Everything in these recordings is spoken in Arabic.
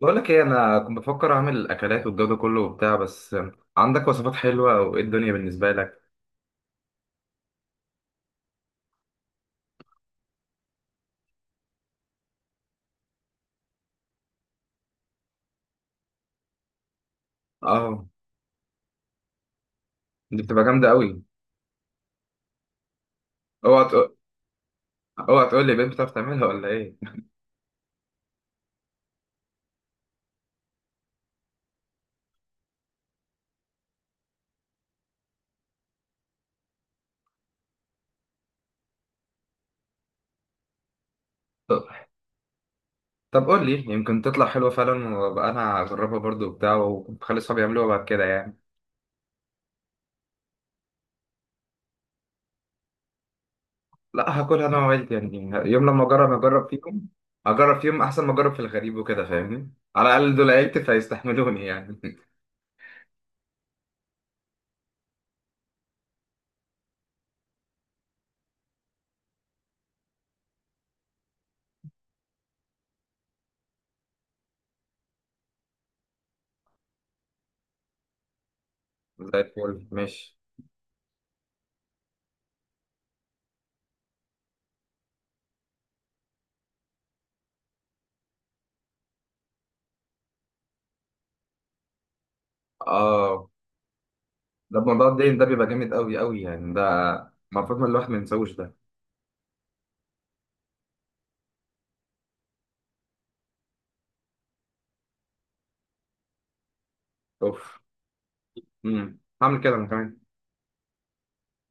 بقول لك ايه، انا كنت بفكر اعمل الاكلات والجو ده كله وبتاع. بس عندك وصفات حلوه وايه الدنيا بالنسبه لك؟ اه، دي بتبقى جامده قوي. اوعى تقول، اوعى تقول لي بنت بتعرف تعملها ولا ايه؟ طب، طب قول لي، يمكن تطلع حلوه فعلا وابقى انا اجربها برضو وبتاع، وخلي اصحابي يعملوها بعد كده يعني. لا، هاكلها انا وعيلتي يعني. يوم لما اجرب اجرب فيهم، اجرب فيهم احسن ما اجرب في الغريب وكده، فاهمني، على الاقل دول عيلتي فيستحملوني يعني. زي الفل، ماشي. اه، ده موضوع الدين ده بيبقى جامد قوي قوي يعني، ده المفروض ما الواحد ما ينساوش ده. اوف. امم، هعمل كده انا كمان.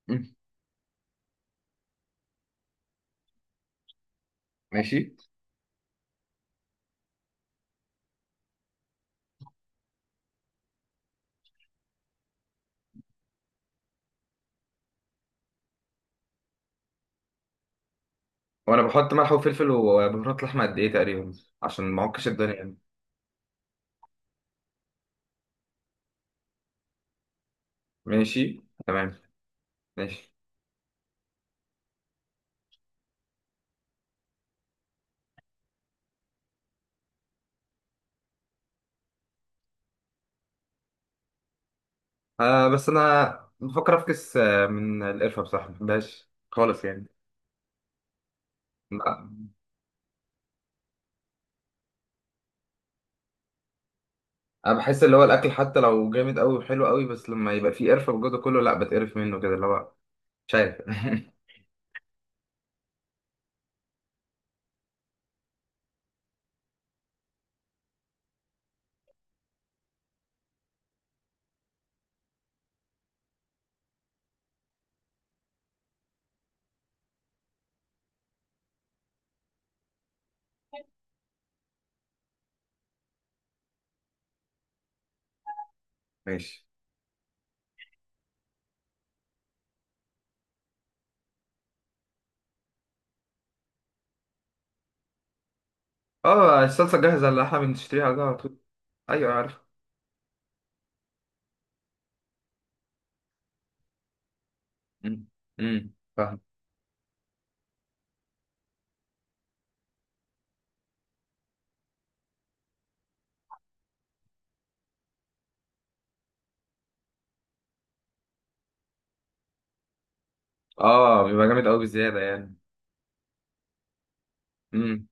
مم. ماشي. وانا بحط ملح وفلفل وبهارات لحمه قد ايه تقريبا عشان ما اعكش الدنيا يعني؟ ماشي. تمام. ماشي. آه بس انا بفكر افكس من القرفه، بصراحه ما بحبهاش خالص يعني. لا. انا بحس اللي هو الاكل حتى لو جامد قوي وحلو قوي، بس لما يبقى فيه قرفه وجوده كله لا، بتقرف منه كده، اللي هو مش عارف. ماشي. اه، الصلصة جاهزة اللي احنا بنشتريها ده على طول. ايوه، عارف. امم. امم، فاهم. اه، بيبقى جامد قوي بزيادة يعني. امم.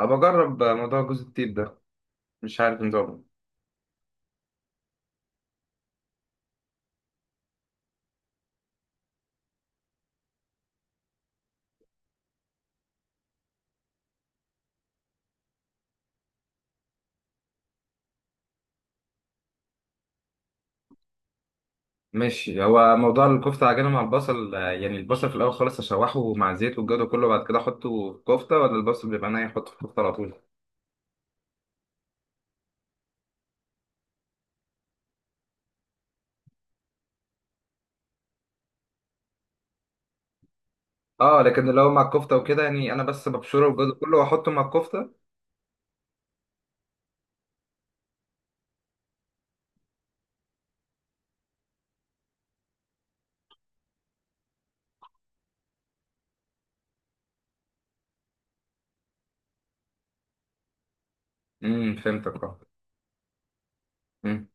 ابقى اجرب موضوع جوز الطيب ده، مش عارف نظامه. ماشي. هو موضوع الكفتة عجينة مع البصل يعني البصل في الاول خالص اشوحه مع زيت والجو ده كله بعد كده احطه في الكفتة، ولا البصل بيبقى ناي احطه في الكفتة على طول؟ اه، لكن لو مع الكفتة وكده يعني، انا بس ببشره والجو ده كله واحطه مع الكفتة. امم، فهمتك. اه. امم.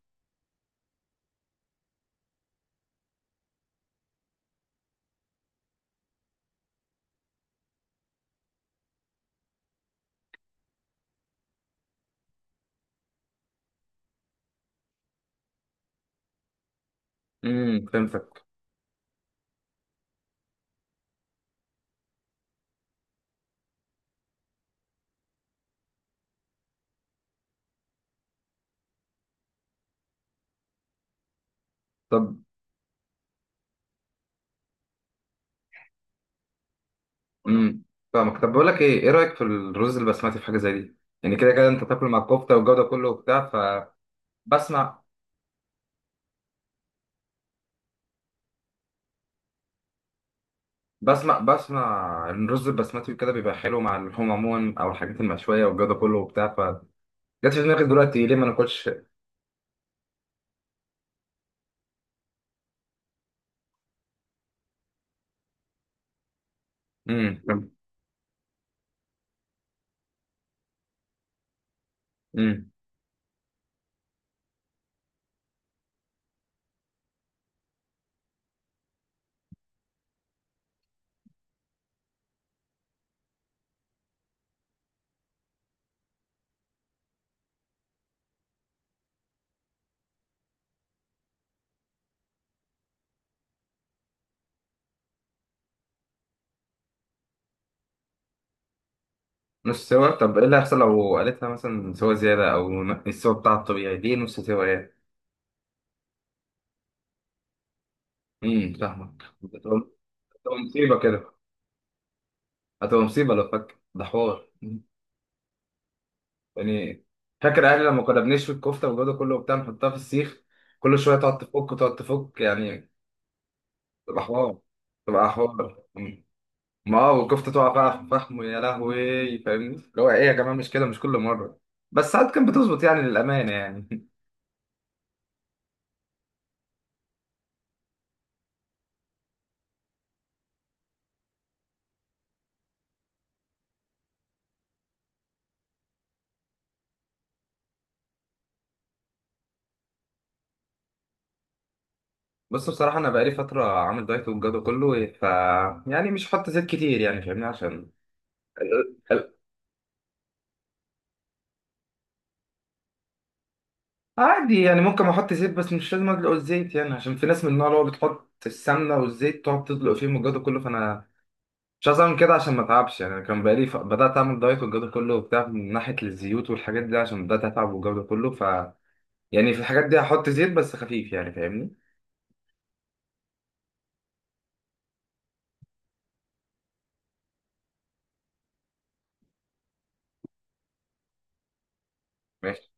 امم، فهمتك. طب. امم، فاهمك. طب بقول لك ايه، ايه رايك في الرز البسمتي في حاجه زي دي؟ يعني كده كده انت تاكل مع الكفته والجو ده كله وبتاع. فبسمع بسمع ان الرز البسمتي كده بيبقى حلو مع اللحوم عموما او الحاجات المشويه والجو ده كله وبتاع، فجت في دماغي دلوقتي، ليه ما ناكلش. امم. امم. نص سوا؟ طب ايه اللي هيحصل لو قالتها مثلا سوا زياده، او السوا بتاعها الطبيعي دي نص سوا ايه؟ امم، فاهمك. هتبقى مصيبه كده. هتبقى مصيبه لو فك، ده حوار يعني. فاكر اهلي لما كنا بنشوي الكفته والجو ده كله وبتاع نحطها في السيخ، كل شويه تقعد تفك وتقعد تفك يعني. تبقى حوار، تبقى حوار. ما هو الكفته تقع بقى في الفحم يا لهوي، فاهمني، اللي هو ايه يا جماعه، مش كده، مش كل مره، بس ساعات كانت بتظبط يعني، للامانه يعني. بص، بصراحه انا بقالي فتره عامل دايت والجو ده كله، ف يعني مش هحط زيت كتير يعني، فاهمني، عشان ال- ال- عادي يعني، ممكن احط زيت بس مش لازم ادلق الزيت يعني، عشان في ناس من النوع اللي هو بتحط السمنه والزيت تقعد تدلق فيهم والجو ده كله، فانا مش عايز اعمل كده عشان ما اتعبش يعني. انا كان بقالي بدات اعمل دايت والجو ده كله وبتاع من ناحيه الزيوت والحاجات دي، عشان بدات اتعب والجو ده كله، ف يعني في الحاجات دي هحط زيت بس خفيف يعني، فاهمني. ماشي،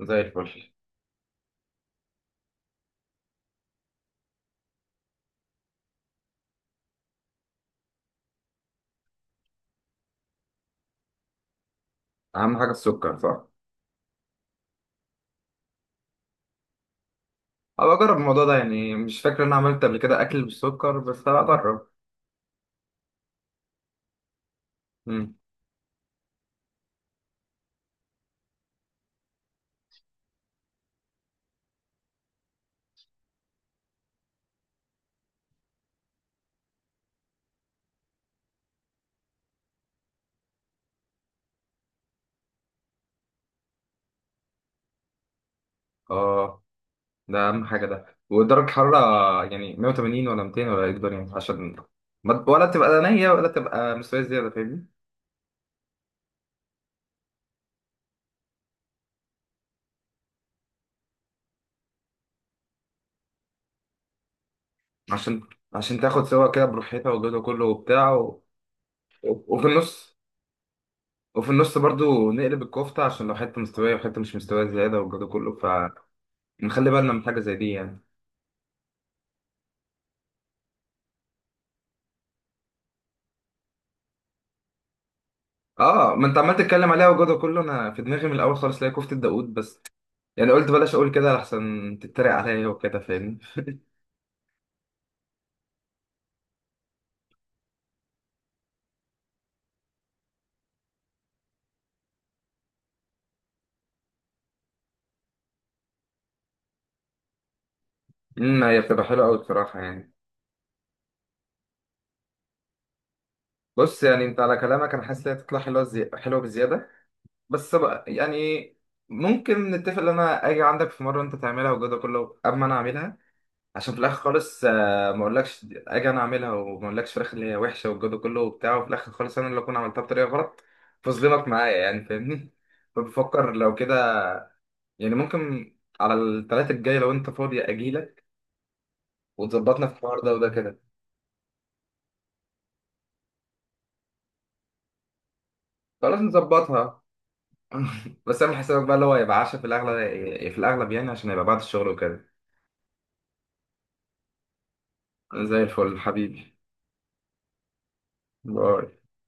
زي الفل. اهم حاجه السكر، صح؟ ابقى اجرب الموضوع ده يعني، مش فاكر ان انا عملت قبل كده اكل بالسكر، بس هبقى اجرب. امم. اه، ده اهم حاجه ده، ودرجه حراره يعني 180 ولا 200 ولا ايه الدنيا، عشان ولا تبقى نيه ولا تبقى مستويه زياده، فاهمني؟ عشان عشان تاخد سوا كده براحتها والجو ده كله وبتاع. وفي النص وفي النص برضو نقلب الكفتة، عشان لو حتة مستوية وحتة مش مستوية زيادة والجو ده كله، فنخلي بالنا من حاجة زي دي يعني. اه، ما انت عمال تتكلم عليها والجو ده كله، انا في دماغي من الاول خالص لاقي كفتة داوود، بس يعني قلت بلاش اقول كده لحسن تتريق عليا وكده، فاهمني. امم، هي بتبقى حلوة قوي بصراحة يعني. بص يعني، انت على كلامك انا حاسس انها تطلع حلوة، حلوة بزيادة، بس بقى يعني ممكن نتفق ان انا اجي عندك في مرة انت تعملها والجو ده كله قبل ما انا اعملها، عشان في الاخر خالص ما اقولكش اجي انا اعملها وما اقولكش في الاخر اللي هي وحشه والجو ده كله وبتاع، وفي الاخر خالص انا اللي اكون عملتها بطريقه غلط، فظلمك معايا يعني، فاهمني. فبفكر لو كده يعني، ممكن على الثلاثة الجاي لو انت فاضي اجيلك وتظبطنا في الحوار ده وده كده. خلاص، نظبطها. بس اعمل حسابك بقى، اللي هو يبقى عشاء في الاغلب، في الاغلب يعني، عشان هيبقى بعد الشغل وكده. زي الفل حبيبي. باي.